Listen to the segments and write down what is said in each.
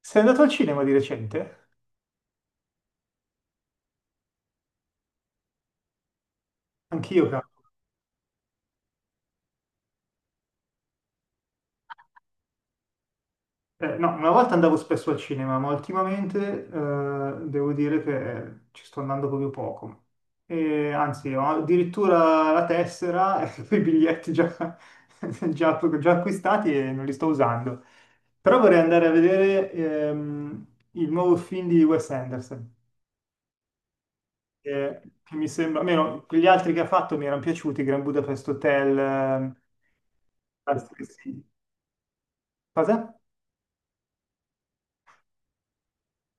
Sei andato al cinema di recente? Anch'io, cavolo. No, una volta andavo spesso al cinema, ma ultimamente devo dire che ci sto andando proprio poco. E, anzi, ho addirittura la tessera e i biglietti già, già acquistati e non li sto usando. Però vorrei andare a vedere il nuovo film di Wes Anderson, che mi sembra, almeno quegli altri che ha fatto mi erano piaciuti, Grand Budapest Hotel, altri sì. Cosa?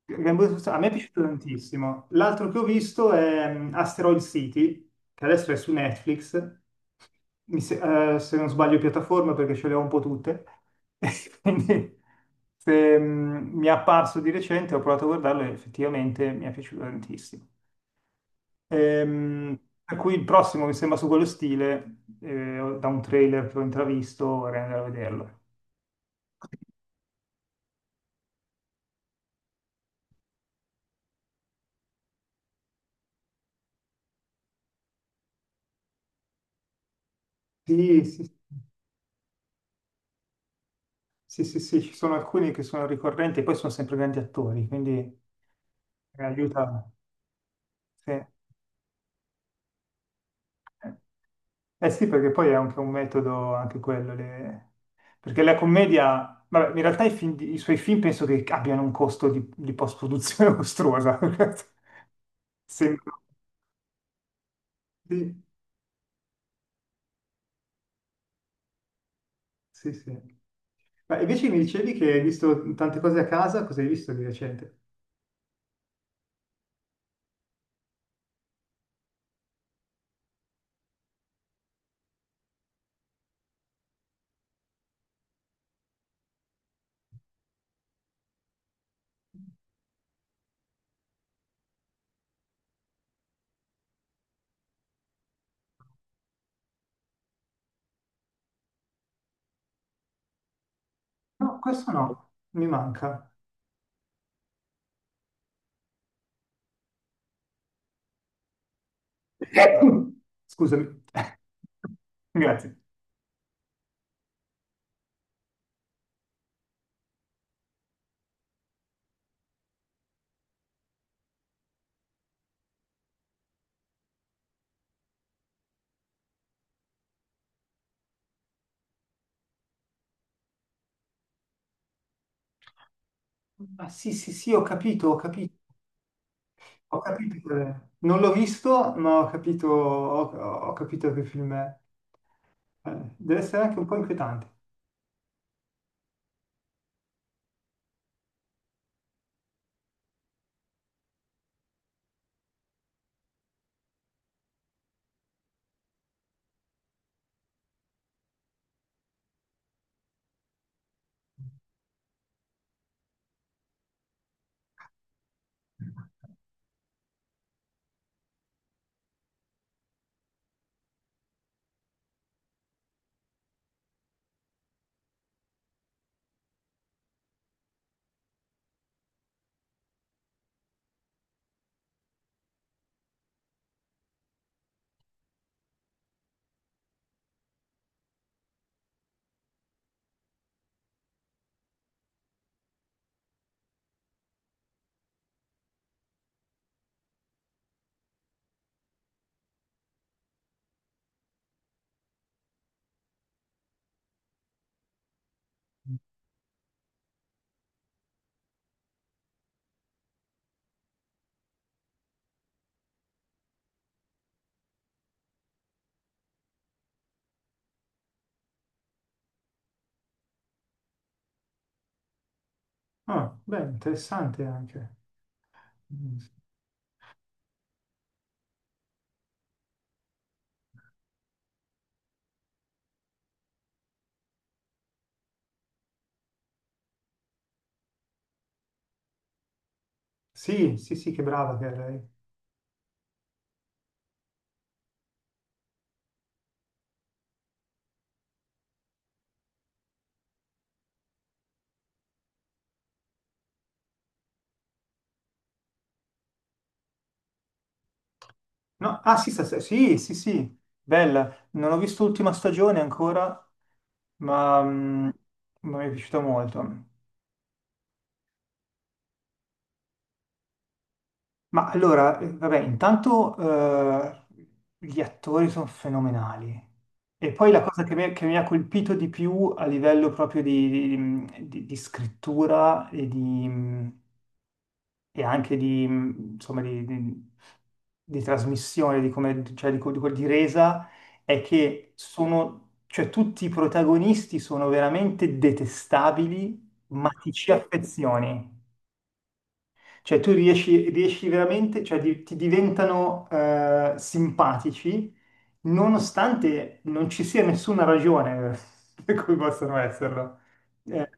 A me è piaciuto tantissimo. L'altro che ho visto è Asteroid City, che adesso è su Netflix. Mi se, se non sbaglio piattaforma, perché ce le ho un po' tutte. Quindi se, mm, mi è apparso di recente, ho provato a guardarlo e effettivamente mi è piaciuto tantissimo. Ehm, per cui il prossimo mi sembra su quello stile, da un trailer che ho intravisto, vorrei andare a vederlo. Sì, sì, sì. Sì, sì, sì, ci sono alcuni che sono ricorrenti e poi sono sempre grandi attori, quindi aiuta. Sì. Eh sì, perché poi è anche un metodo, anche quello. Perché la commedia, vabbè, in realtà i suoi film penso che abbiano un costo di post-produzione mostruosa. Sembra. Sì, sì, sì. Ma invece mi dicevi che hai visto tante cose a casa, cosa hai visto di recente? No, questo no, mi manca. Scusami. Grazie. Ah, sì, sì, sì, ho capito, ho capito, ho capito qual è. Non l'ho visto, ma ho capito, ho capito che film è. Deve essere anche un po' inquietante. Ah, beh, interessante anche. Mm. Sì, sì, sì, che brava che è lei. No, ah, sì, sì, sì, sì, bella. Non ho visto l'ultima stagione ancora, ma mm, ma mi è piaciuta molto. Ma allora, vabbè, intanto gli attori sono fenomenali. E poi la cosa che mi ha colpito di più a livello proprio di scrittura e anche di, insomma, di trasmissione, di, come, cioè di resa, è che sono, cioè, tutti i protagonisti sono veramente detestabili, ma ti ci affezioni. Cioè, tu riesci veramente, ti diventano simpatici nonostante non ci sia nessuna ragione per cui possano esserlo. Eh,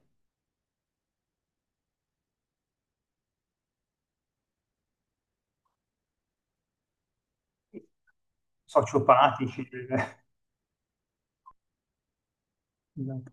sociopatici. Esatto.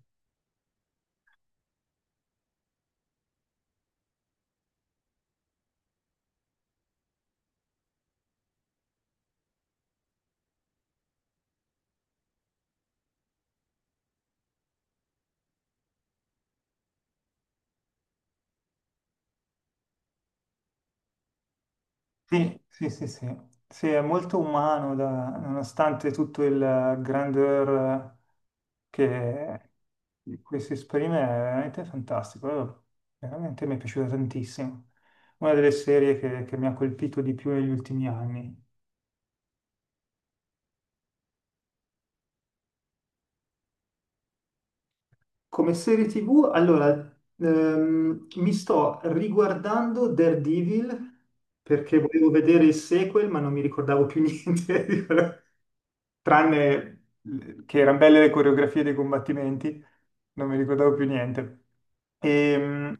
Sì, sì, sì, sì. Sì, è molto umano, nonostante tutto il grandeur che di cui si esprime, è veramente fantastico. Veramente mi è piaciuta tantissimo. Una delle serie che mi ha colpito di più negli ultimi anni. Come serie TV, allora, mi sto riguardando Daredevil perché volevo vedere il sequel, ma non mi ricordavo più niente. Tranne che erano belle le coreografie dei combattimenti, non mi ricordavo più niente. Ehm,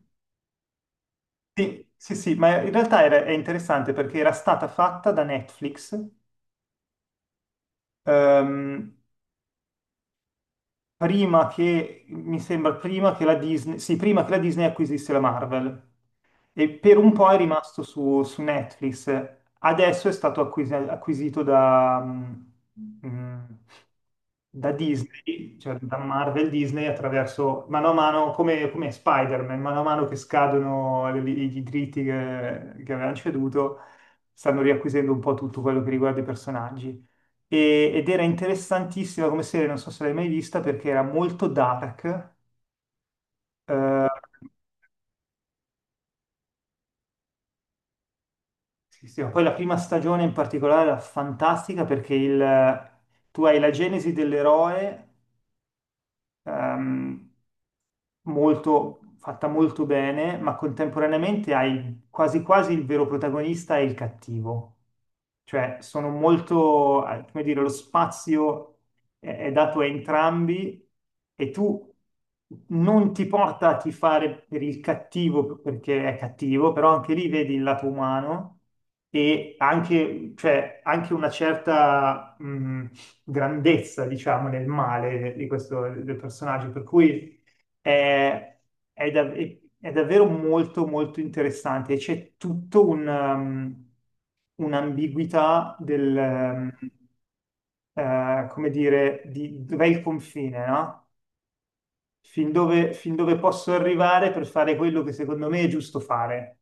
sì, sì, sì, ma in realtà è interessante perché era stata fatta da Netflix ehm, prima che, mi sembra, prima che la Disney, sì, prima che la Disney acquisisse la Marvel. E per un po' è rimasto su Netflix, adesso è stato acquisito mm, da Disney, cioè da Marvel Disney attraverso mano a mano, come Spider-Man, mano a mano che scadono i diritti che avevano ceduto, stanno riacquisendo un po' tutto quello che riguarda i personaggi. Ed era interessantissima come serie, non so se l'hai mai vista, perché era molto dark. eh, Sì, sì, ma poi la prima stagione in particolare era fantastica perché tu hai la genesi dell'eroe ehm, molto, fatta molto bene, ma contemporaneamente hai quasi quasi il vero protagonista e il cattivo. Cioè, sono molto, come dire, lo spazio è dato a entrambi e tu non ti porta a tifare per il cattivo perché è cattivo, però anche lì vedi il lato umano e anche, cioè, anche una certa, grandezza, diciamo, nel male di questo del personaggio, per cui è, è dav- è davvero molto molto interessante. C'è tutto un'ambiguità del, come dire, di dov'è il confine, no? Fin dove posso arrivare per fare quello che secondo me è giusto fare.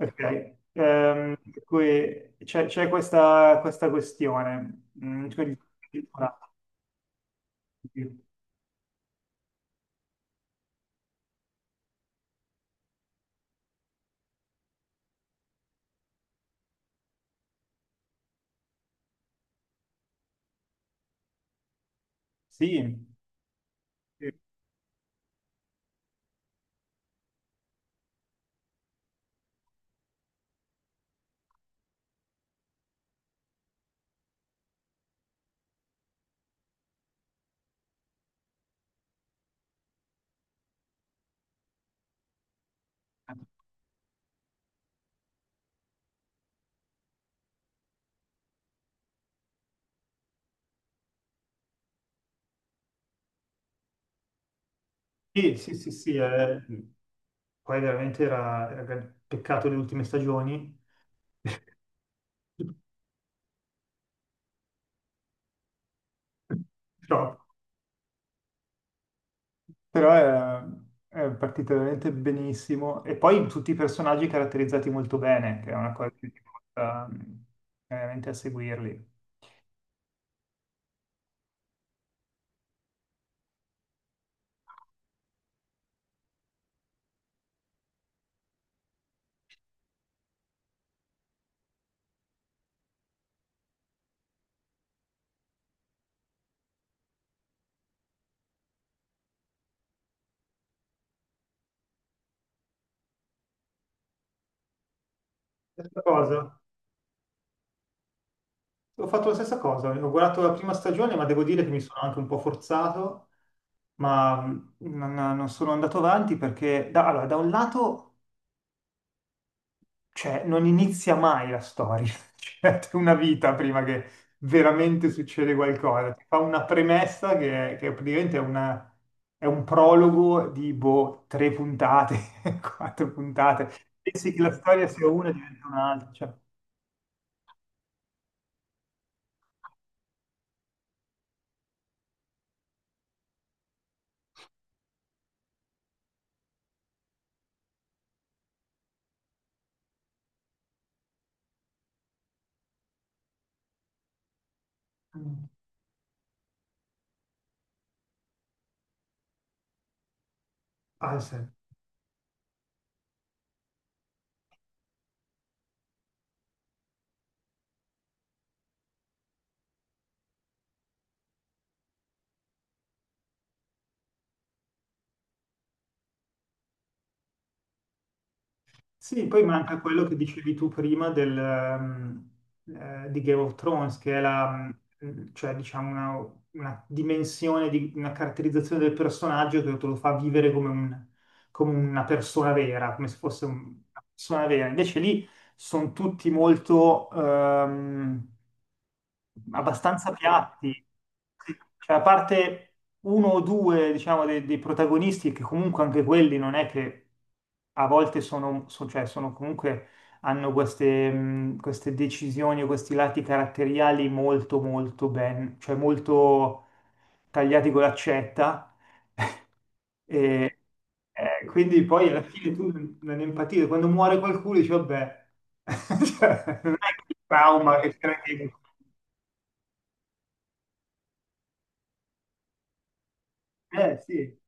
Ok? Per cui c'è questa questione. Sì, sì, sì, sì, sì, poi veramente era un peccato le ultime stagioni, però, però è partita veramente benissimo e poi tutti i personaggi caratterizzati molto bene, che è una cosa che ti porta veramente a seguirli. Stessa cosa. Ho fatto la stessa cosa, ho guardato la prima stagione, ma devo dire che mi sono anche un po' forzato, ma non sono andato avanti perché allora, da un lato... Cioè, non inizia mai la storia, cioè, c'è una vita prima che veramente succede qualcosa. Ti fa una premessa che praticamente è un prologo di boh, tre puntate, quattro puntate. Pensi che la storia sia una e diventa un'altra. Cioè, mm, pazzesco. Sì, poi manca quello che dicevi tu prima di Game of Thrones, che è cioè, diciamo una, dimensione, di, una caratterizzazione del personaggio che te lo fa vivere come, come una persona vera, come se fosse una persona vera. Invece lì sono tutti molto, abbastanza piatti. Sì. Cioè, a parte uno o due, diciamo, dei protagonisti, che comunque anche quelli non è che a volte sono, cioè, sono comunque hanno queste decisioni o questi lati caratteriali molto molto ben, cioè molto tagliati con l'accetta. E, quindi poi alla fine tu non empatizzi. Quando muore qualcuno dici, vabbè, cioè, non è che il trauma che c'era anche. Eh sì,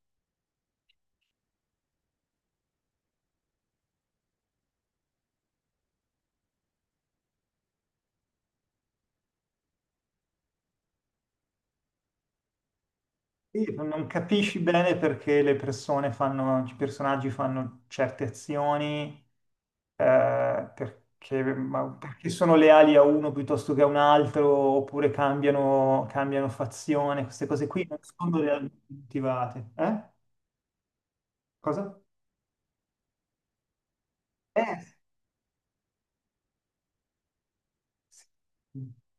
sì, non capisci bene perché le persone fanno, i personaggi fanno certe azioni, ma perché sono leali a uno piuttosto che a un altro, oppure cambiano fazione, queste cose qui non sono realmente motivate. Eh? Cosa? Eh, sì.